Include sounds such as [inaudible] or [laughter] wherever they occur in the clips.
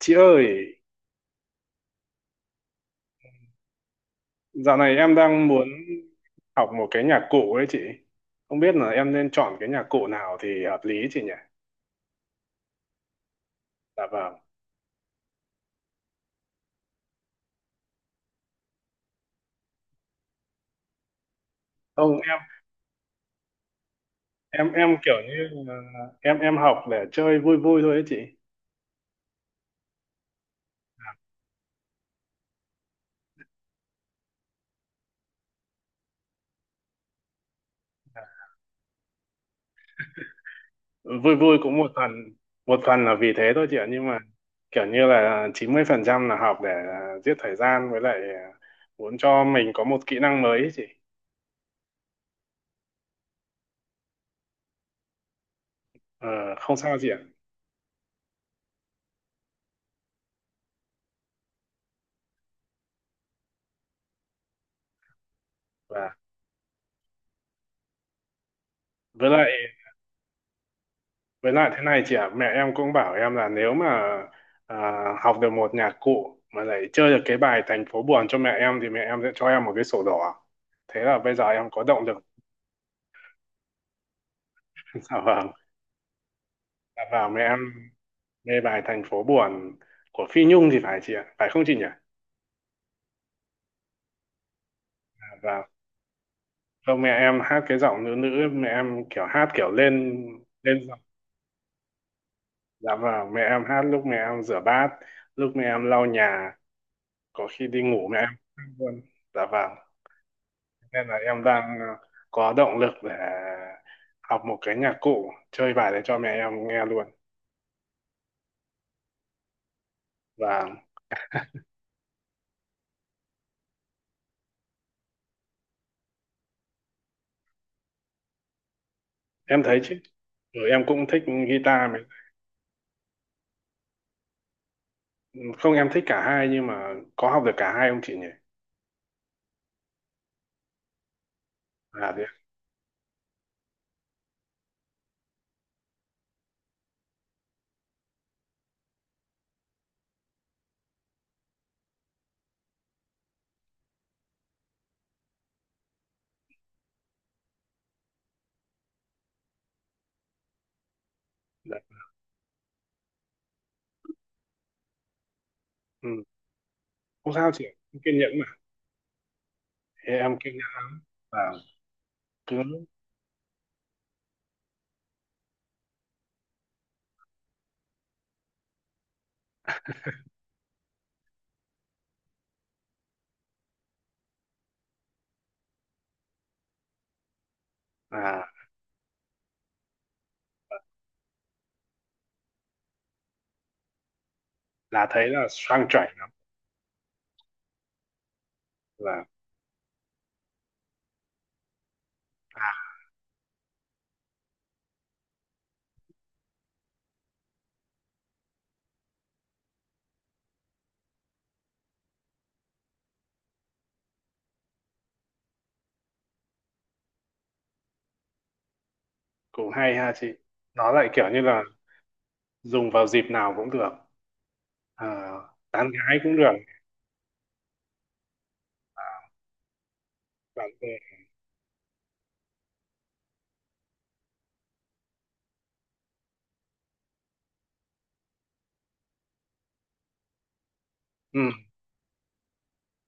Chị ơi, dạo này em đang muốn học một cái nhạc cụ ấy chị. Không biết là em nên chọn cái nhạc cụ nào thì hợp lý chị nhỉ? Dạ vâng. Không, em kiểu như là em học để chơi vui vui thôi ấy chị. Vui vui cũng một phần là vì thế thôi chị ạ, nhưng mà kiểu như là 90% là học để giết thời gian, với lại muốn cho mình có một kỹ năng mới ấy chị. Ờ, không sao chị ạ. Và với lại Với lại thế này chị ạ, mẹ em cũng bảo em là nếu mà à, học được một nhạc cụ mà lại chơi được cái bài Thành phố buồn cho mẹ em thì mẹ em sẽ cho em một cái sổ đỏ. Thế là bây giờ em có động lực. [laughs] Dạ vâng. Dạ vâng, mẹ em mê bài Thành phố buồn của Phi Nhung thì phải chị ạ, phải không chị nhỉ? Dạ vâng. Không, mẹ em hát cái giọng nữ nữ, mẹ em kiểu hát kiểu lên lên giọng. Dạ vâng, mẹ em hát lúc mẹ em rửa bát, lúc mẹ em lau nhà, có khi đi ngủ mẹ em hát luôn. Dạ vâng. Nên là em đang có động lực để học một cái nhạc cụ chơi bài để cho mẹ em nghe luôn. Và em thấy chứ, rồi em cũng thích guitar mà. Không, em thích cả hai nhưng mà có học được cả hai không chị nhỉ? À thế. Đấy. Ừ. Không sao chị, em kiên nhẫn mà. Thế em kiên nhẫn. Và cứ à, là thấy là sang chảy lắm, là cũng hay ha chị. Nó lại kiểu như là dùng vào dịp nào cũng được, à, tán gái cũng được, bạn bè. Ừ.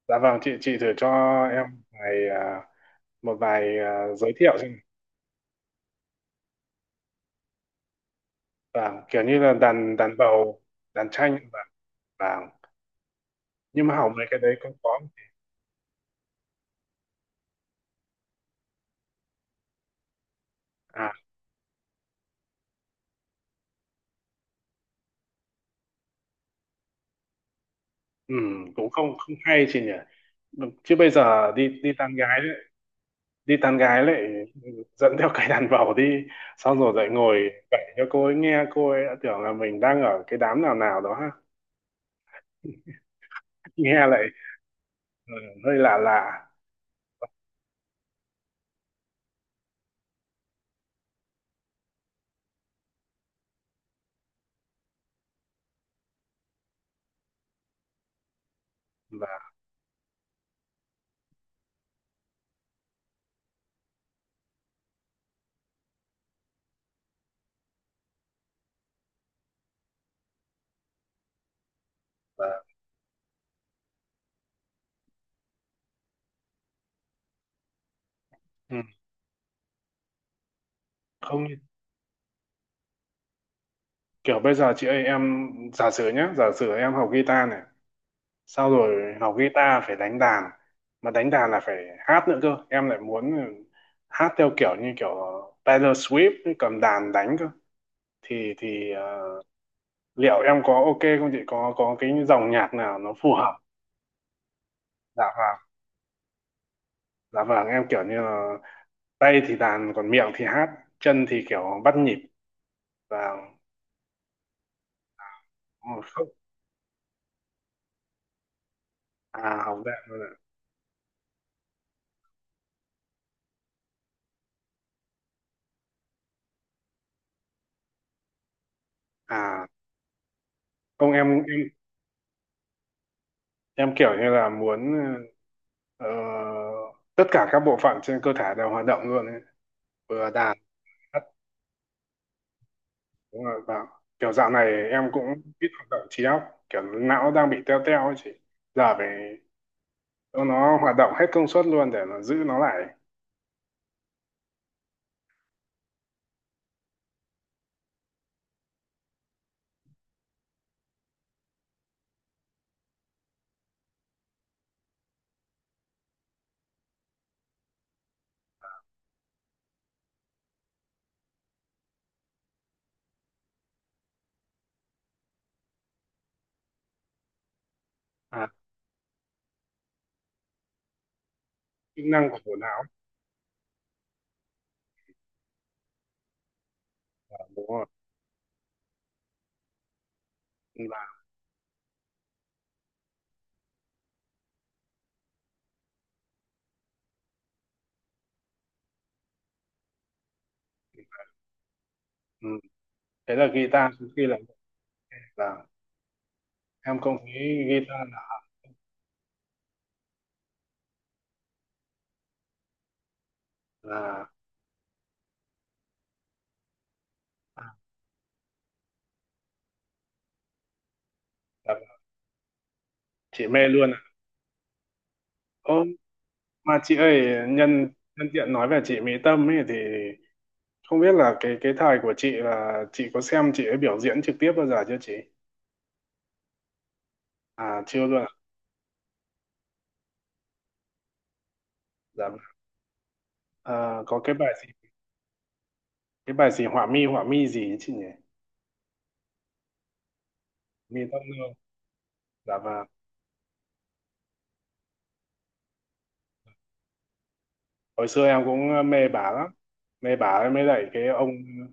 Dạ vâng, chị thử cho em vài, à, một vài giới thiệu xem. Vâng, kiểu như là đàn đàn bầu, đàn tranh vâng. Nhưng mà hỏng mấy cái đấy cũng có. À, cũng không không hay chị nhỉ. Vâng, chứ bây giờ đi đi tán gái đấy, đi tán gái lại, ừ, dẫn theo cái đàn bầu đi, xong rồi lại ngồi kể cho cô ấy nghe, cô ấy đã tưởng là mình đang ở cái đám nào nào đó ha. Nghe lại ừ, hơi lạ lạ. và, và ừ, Không, kiểu bây giờ chị ơi, em giả sử em học guitar này, sau rồi học guitar phải đánh đàn, mà đánh đàn là phải hát nữa cơ, em lại muốn hát theo kiểu như kiểu Taylor Swift ấy, cầm đàn đánh cơ, thì liệu em có ok không chị, có cái dòng nhạc nào nó phù hợp. Dạ vâng. Dạ vâng, em kiểu như là tay thì đàn, còn miệng thì hát, chân thì kiểu bắt nhịp. Và không à, học dạng luôn ạ. À không, em kiểu như là muốn ờ, tất cả các bộ phận trên cơ thể đều hoạt động luôn ấy. Vừa đàn hát, đúng rồi. Và kiểu dạo này em cũng ít hoạt động trí óc, kiểu não đang bị teo teo ấy chị, giờ phải cho nó hoạt động hết công suất luôn để nó giữ nó lại à, chức năng của bộ não. Đúng rồi. Và ừ. Thế là guitar khi là em không thấy guitar là, à, là chị mê luôn ạ. Ô, mà chị ơi, nhân nhân tiện nói về chị Mỹ Tâm ấy thì không biết là cái thời của chị, là chị có xem chị ấy biểu diễn trực tiếp bao giờ chưa chị? À, chưa luôn à? Dạ vâng. Ờ, có cái bài gì, họa mi gì ấy chị nhỉ. Mỹ Tâm luôn. Dạ vâng. Hồi xưa em cũng mê bà lắm, mê bà ấy mới lại cái ông,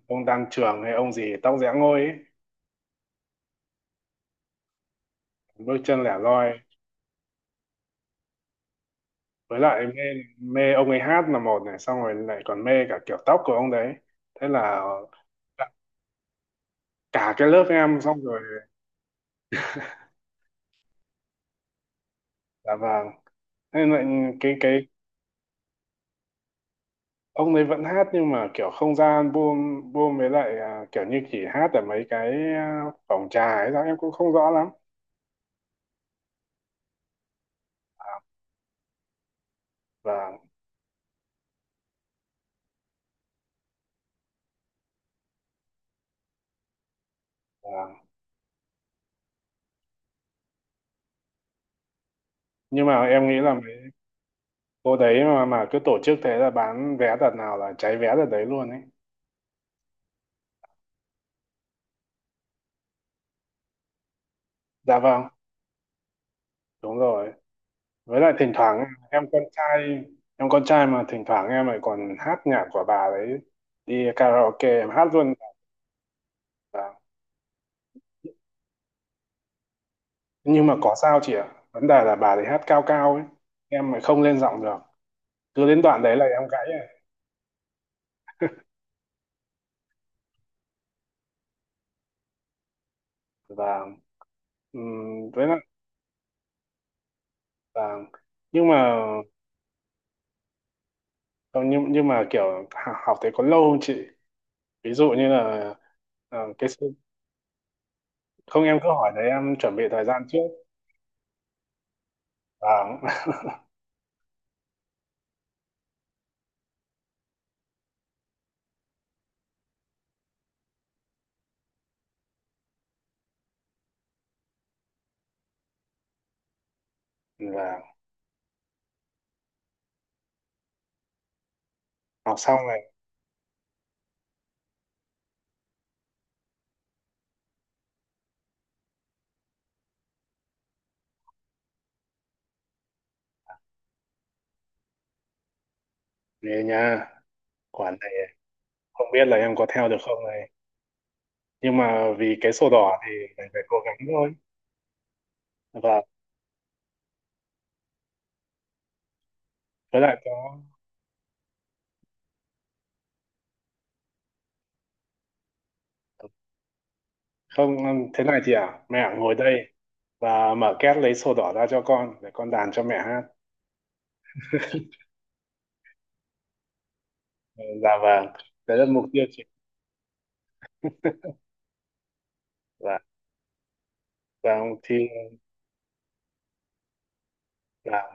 Đan Trường hay ông gì tóc giã ngôi ấy. Bước chân lẻ loi. Với lại mê, ông ấy hát là một này, xong rồi lại còn mê cả kiểu tóc của ông đấy, thế là cả cái lớp em, xong rồi. Dạ vâng. Thế nên lại cái ông ấy vẫn hát nhưng mà kiểu không ra album, với lại kiểu như chỉ hát ở mấy cái phòng trà ấy sao em cũng không rõ lắm. Và vâng. Nhưng mà em nghĩ là mấy cô đấy, mà cứ tổ chức thế là bán vé đợt nào là cháy vé đợt đấy luôn ấy. Dạ vâng. Đúng rồi. Với lại thỉnh thoảng em con trai, mà thỉnh thoảng em lại còn hát nhạc của bà đấy, đi karaoke em hát luôn. Dạ. Nhưng mà có sao chị ạ, vấn đề là bà thì hát cao cao ấy, em lại không lên giọng được, cứ đến đoạn đấy là em gãy ấy. Và với lại là. Nhưng mà không, nhưng mà kiểu học thế có lâu không chị, ví dụ như là ờ, cái sự- không em cứ hỏi đấy em chuẩn bị thời gian trước. Và [laughs] và học xong này, nghề nha, quản này, không biết là em có theo được không này. Nhưng mà vì cái sổ đỏ thì phải phải cố gắng thôi. Và với lại có không, thế này chị à, mẹ ngồi đây và mở két lấy sổ đỏ ra cho con để con đàn cho mẹ hát. Ừ, dạ vâng, đấy là mục tiêu chị. Và vâng, thì là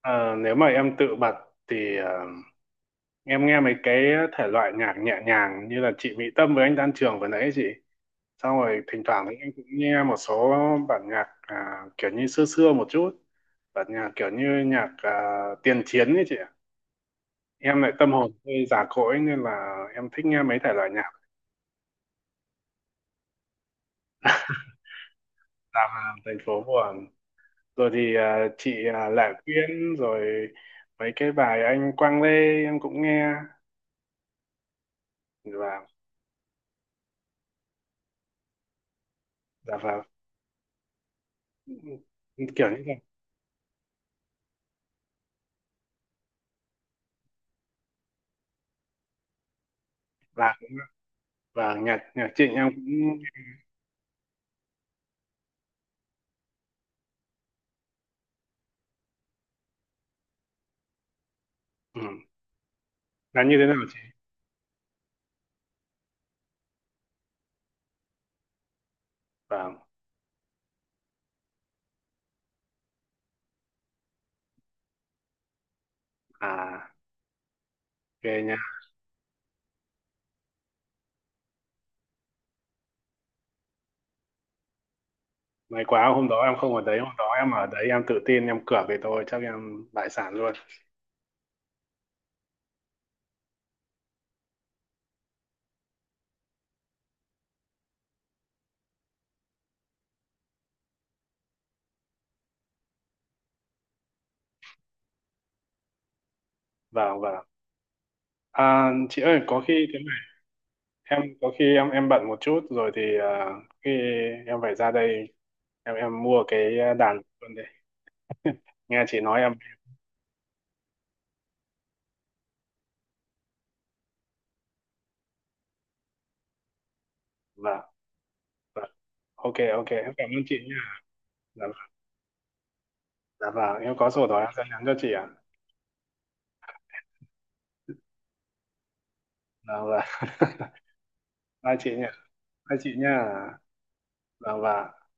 ờ, nếu mà em tự bật thì em nghe mấy cái thể loại nhạc nhẹ nhàng như là chị Mỹ Tâm với anh Đan Trường vừa nãy ấy chị, xong rồi thỉnh thoảng thì em cũng nghe một số bản nhạc kiểu như xưa xưa một chút, bản nhạc kiểu như nhạc tiền chiến ấy chị ạ, em lại tâm hồn hơi già cỗi nên là em thích nghe mấy thể loại nhạc. Làm thành phố buồn rồi thì chị Lạ Quyên rồi mấy cái bài anh Quang Lê em cũng nghe. Và và, và kiểu như vậy. Và nhạc nhạc Trịnh em cũng. Ừ, là như thế nào chị? Và à ghê nha. May quá hôm đó em không ở đấy, hôm đó em ở đấy em tự tin em cược thì tôi chắc em đại sản luôn. và và chị ơi, có khi thế, em có khi em bận một chút rồi thì khi em phải ra đây, em mua cái đàn luôn đây. Nghe chị nói em vâng vâng, ok ok, em cảm ơn chị nha. Dạ vâng. Dạ vâng, em có sổ đó em sẽ nhắn cho chị ạ à? Dạ vâng [laughs] Bye chị nha. Bye chị nha. Vâng vâng.